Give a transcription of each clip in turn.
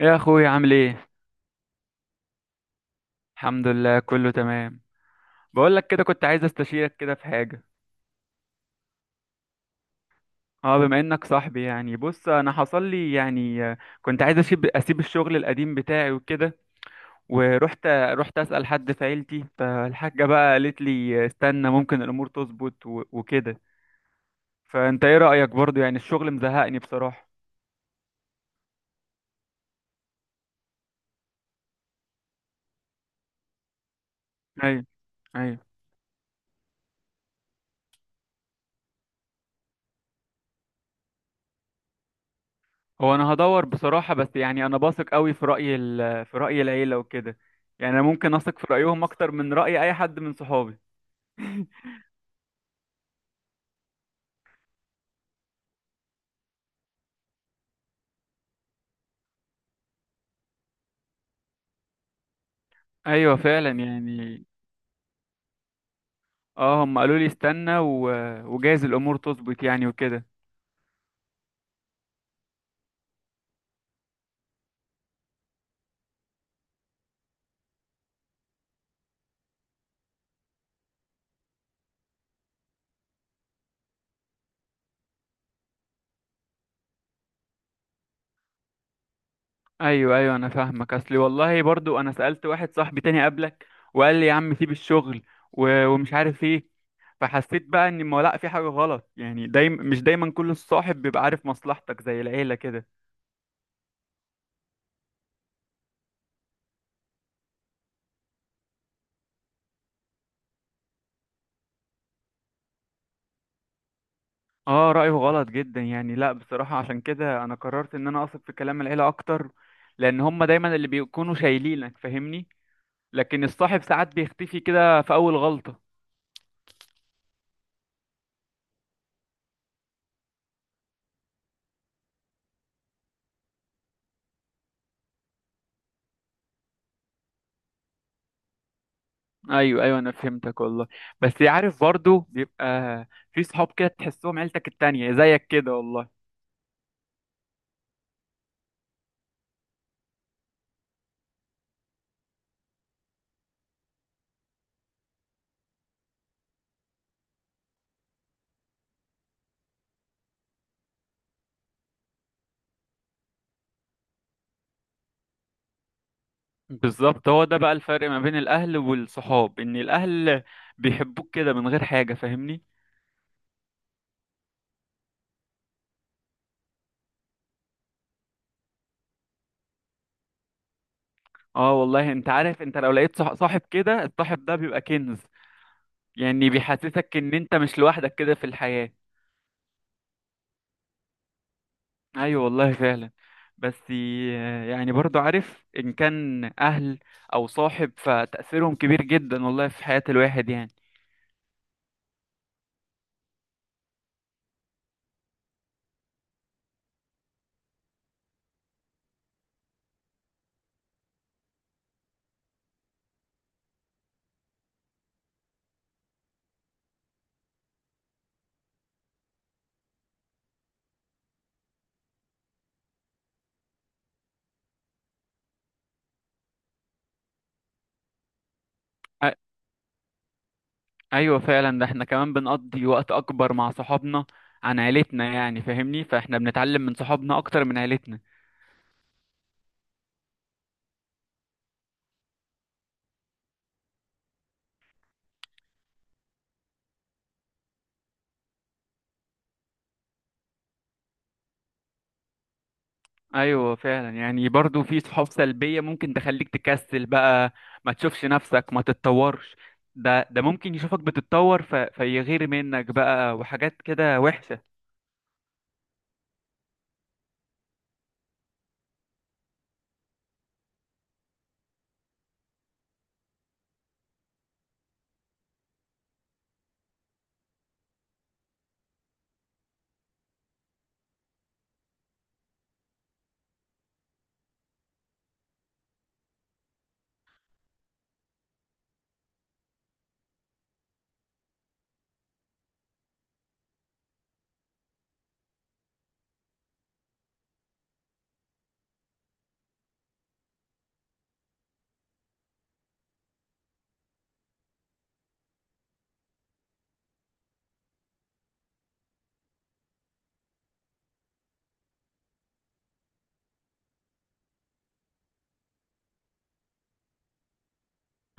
يا اخوي عامل ايه؟ الحمد لله، كله تمام. بقول لك كده، كنت عايز استشيرك كده في حاجه. اه، بما انك صاحبي يعني بص، انا حصل لي يعني كنت عايز اسيب الشغل القديم بتاعي وكده. ورحت اسال حد في عيلتي، فالحاجه بقى قالت لي استنى، ممكن الامور تظبط وكده. فانت ايه رايك؟ برضو يعني الشغل مزهقني بصراحه. ايوه، ايوه. هو انا هدور بصراحه، بس يعني انا باثق قوي في في راي العيله وكده. يعني انا ممكن اثق في رايهم اكتر من راي اي حد من صحابي. ايوه فعلا يعني. اه، هم قالوا لي استنى وجايز الامور تظبط يعني وكده. ايوه ايوه، انا فاهمك. اصلي والله برضو انا سالت واحد صاحبي تاني قبلك وقال لي يا عم سيب الشغل، ومش عارف ايه. فحسيت بقى ان ما لا في حاجه غلط، يعني مش دايما كل الصاحب بيبقى عارف مصلحتك زي العيله كده. اه، رايه غلط جدا يعني. لا بصراحه، عشان كده انا قررت ان انا اثق في كلام العيله اكتر، لان هم دايما اللي بيكونوا شايلينك، فاهمني. لكن الصاحب ساعات بيختفي كده في اول غلطه. ايوه ايوه، انا فهمتك والله. بس عارف، برضو بيبقى في صحاب كده تحسهم عيلتك التانية زيك كده والله. بالظبط، هو ده بقى الفرق ما بين الاهل والصحاب، ان الاهل بيحبوك كده من غير حاجة، فاهمني. اه والله، انت عارف انت لو لقيت صاحب كده، الصاحب ده بيبقى كنز. يعني بيحسسك ان انت مش لوحدك كده في الحياة. ايوه والله فعلا. بس يعني برضو عارف ان كان اهل او صاحب، فتأثيرهم كبير جدا والله في حياة الواحد يعني. ايوه فعلا. ده احنا كمان بنقضي وقت اكبر مع صحابنا عن عيلتنا، يعني فاهمني. فاحنا بنتعلم من صحابنا اكتر من عيلتنا. ايوه فعلا. يعني برضو في صحاب سلبية ممكن تخليك تكسل بقى، ما تشوفش نفسك ما تتطورش. ده ممكن يشوفك بتتطور، فيغير منك بقى وحاجات كده وحشة.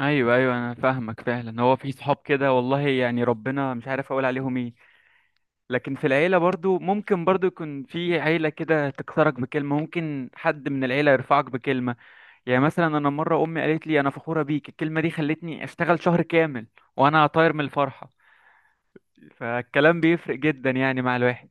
ايوه ايوه، انا فاهمك فعلا. هو في صحاب كده والله، يعني ربنا، مش عارف اقول عليهم ايه. لكن في العيلة برضو، ممكن برضو يكون في عيلة كده تكسرك بكلمة، ممكن حد من العيلة يرفعك بكلمة. يعني مثلا أنا مرة أمي قالت لي أنا فخورة بيك، الكلمة دي خلتني أشتغل شهر كامل وأنا طاير من الفرحة. فالكلام بيفرق جدا يعني مع الواحد.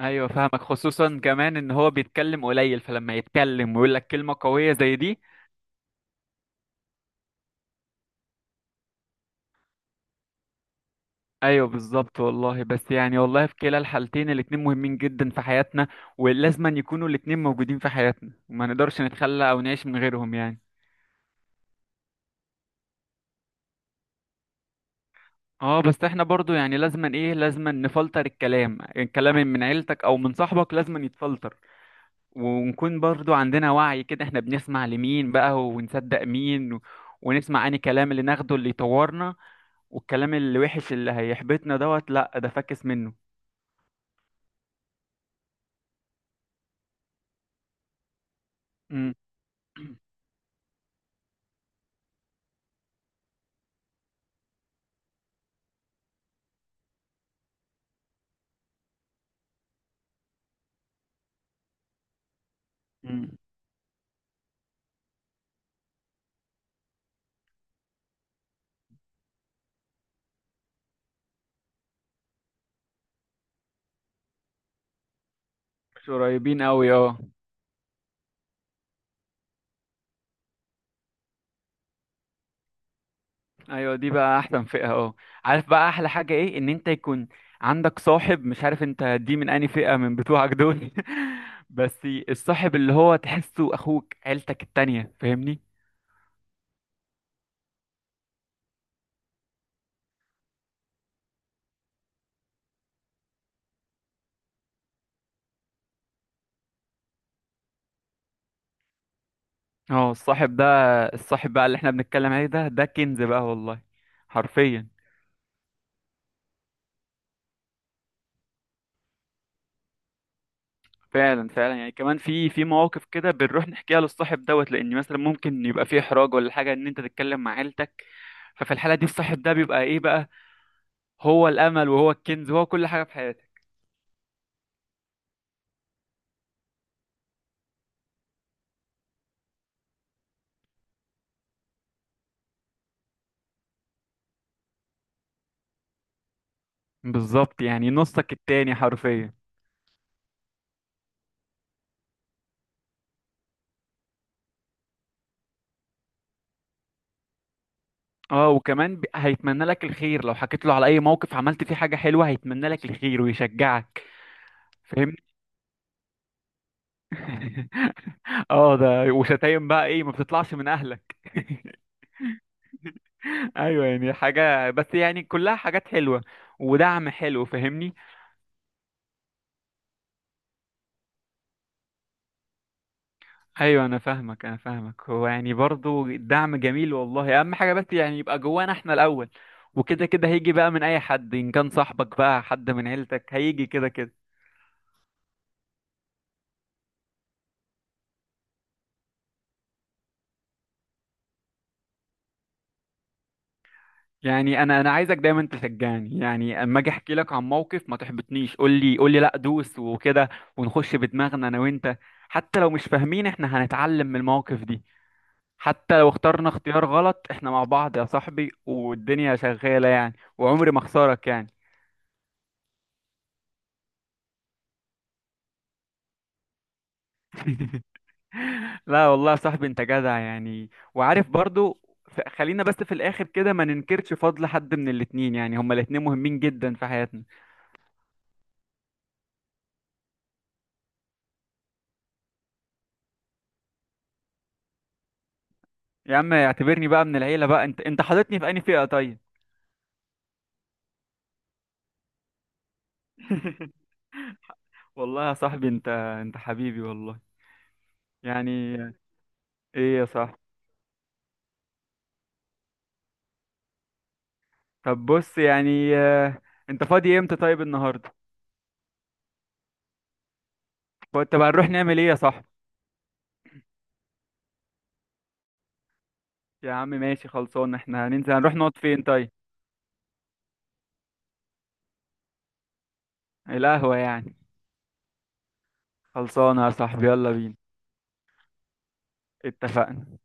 أيوة فاهمك، خصوصا كمان إن هو بيتكلم قليل، فلما يتكلم ويقول لك كلمة قوية زي دي. أيوة بالظبط والله. بس يعني والله في كلا الحالتين، الاتنين مهمين جدا في حياتنا، ولازما يكونوا الاتنين موجودين في حياتنا وما نقدرش نتخلى أو نعيش من غيرهم يعني. اه بس احنا برضو يعني لازما ايه، لازما نفلتر الكلام، من عيلتك او من صاحبك لازما يتفلتر، ونكون برضو عندنا وعي كده، احنا بنسمع لمين بقى ونصدق مين ونسمع انهي كلام اللي ناخده اللي يطورنا، والكلام اللي وحش اللي هيحبطنا دوت لا ده فاكس منه. امم. مش قريبين قوي اه. ايوه دي بقى احسن فئه اهو. عارف بقى احلى حاجه ايه؟ ان انت يكون عندك صاحب، مش عارف انت دي من انهي فئه من بتوعك دول. بس الصاحب اللي هو تحسه اخوك، عيلتك التانية، فاهمني. اه الصاحب ده، الصاحب بقى اللي احنا بنتكلم عليه ده كنز بقى والله، حرفيا. فعلا فعلا، يعني كمان في مواقف كده بنروح نحكيها للصاحب دوت، لان مثلا ممكن يبقى في احراج ولا حاجه ان انت تتكلم مع عيلتك. ففي الحاله دي الصاحب ده بيبقى ايه بقى، هو الامل وهو الكنز وهو كل حاجه في حياتك. بالظبط، يعني نصك التاني حرفيا. اه، وكمان هيتمنى لك الخير لو حكيت له على اي موقف عملت فيه حاجة حلوة، هيتمنى لك الخير ويشجعك، فاهمني. اه ده، وشتايم بقى ايه ما بتطلعش من اهلك. ايوه يعني حاجة، بس يعني كلها حاجات حلوة ودعم حلو، فاهمني. ايوه، انا فاهمك انا فاهمك، هو يعني برضو الدعم جميل والله، اهم حاجة بس يعني يبقى جوانا احنا الاول، وكده كده هيجي بقى من اي حد، ان كان صاحبك بقى حد من عيلتك هيجي كده كده. يعني انا عايزك دايما تشجعني، يعني اما اجي احكي لك عن موقف ما تحبطنيش، قول لي قول لي لا، دوس وكده، ونخش بدماغنا انا وانت. حتى لو مش فاهمين احنا هنتعلم من المواقف دي. حتى لو اخترنا اختيار غلط، احنا مع بعض يا صاحبي، والدنيا شغالة يعني، وعمري ما اخسرك يعني. لا والله يا صاحبي، انت جدع يعني، وعارف برضو. خلينا بس في الاخر كده ما ننكرش فضل حد من الاتنين، يعني هما الاتنين مهمين جدا في حياتنا. يا عم اعتبرني بقى من العيلة بقى، انت حاططني في انهي فئة طيب؟ والله يا صاحبي، انت حبيبي والله. يعني ايه يا صاحبي؟ طب بص، يعني انت فاضي امتى طيب؟ النهارده؟ طب هنروح نعمل ايه يا صاحبي؟ يا عم ماشي خلصان، احنا هننزل، هنروح نقعد فين طيب؟ القهوة يعني. خلصانة يا صاحبي، يلا بينا. اتفقنا.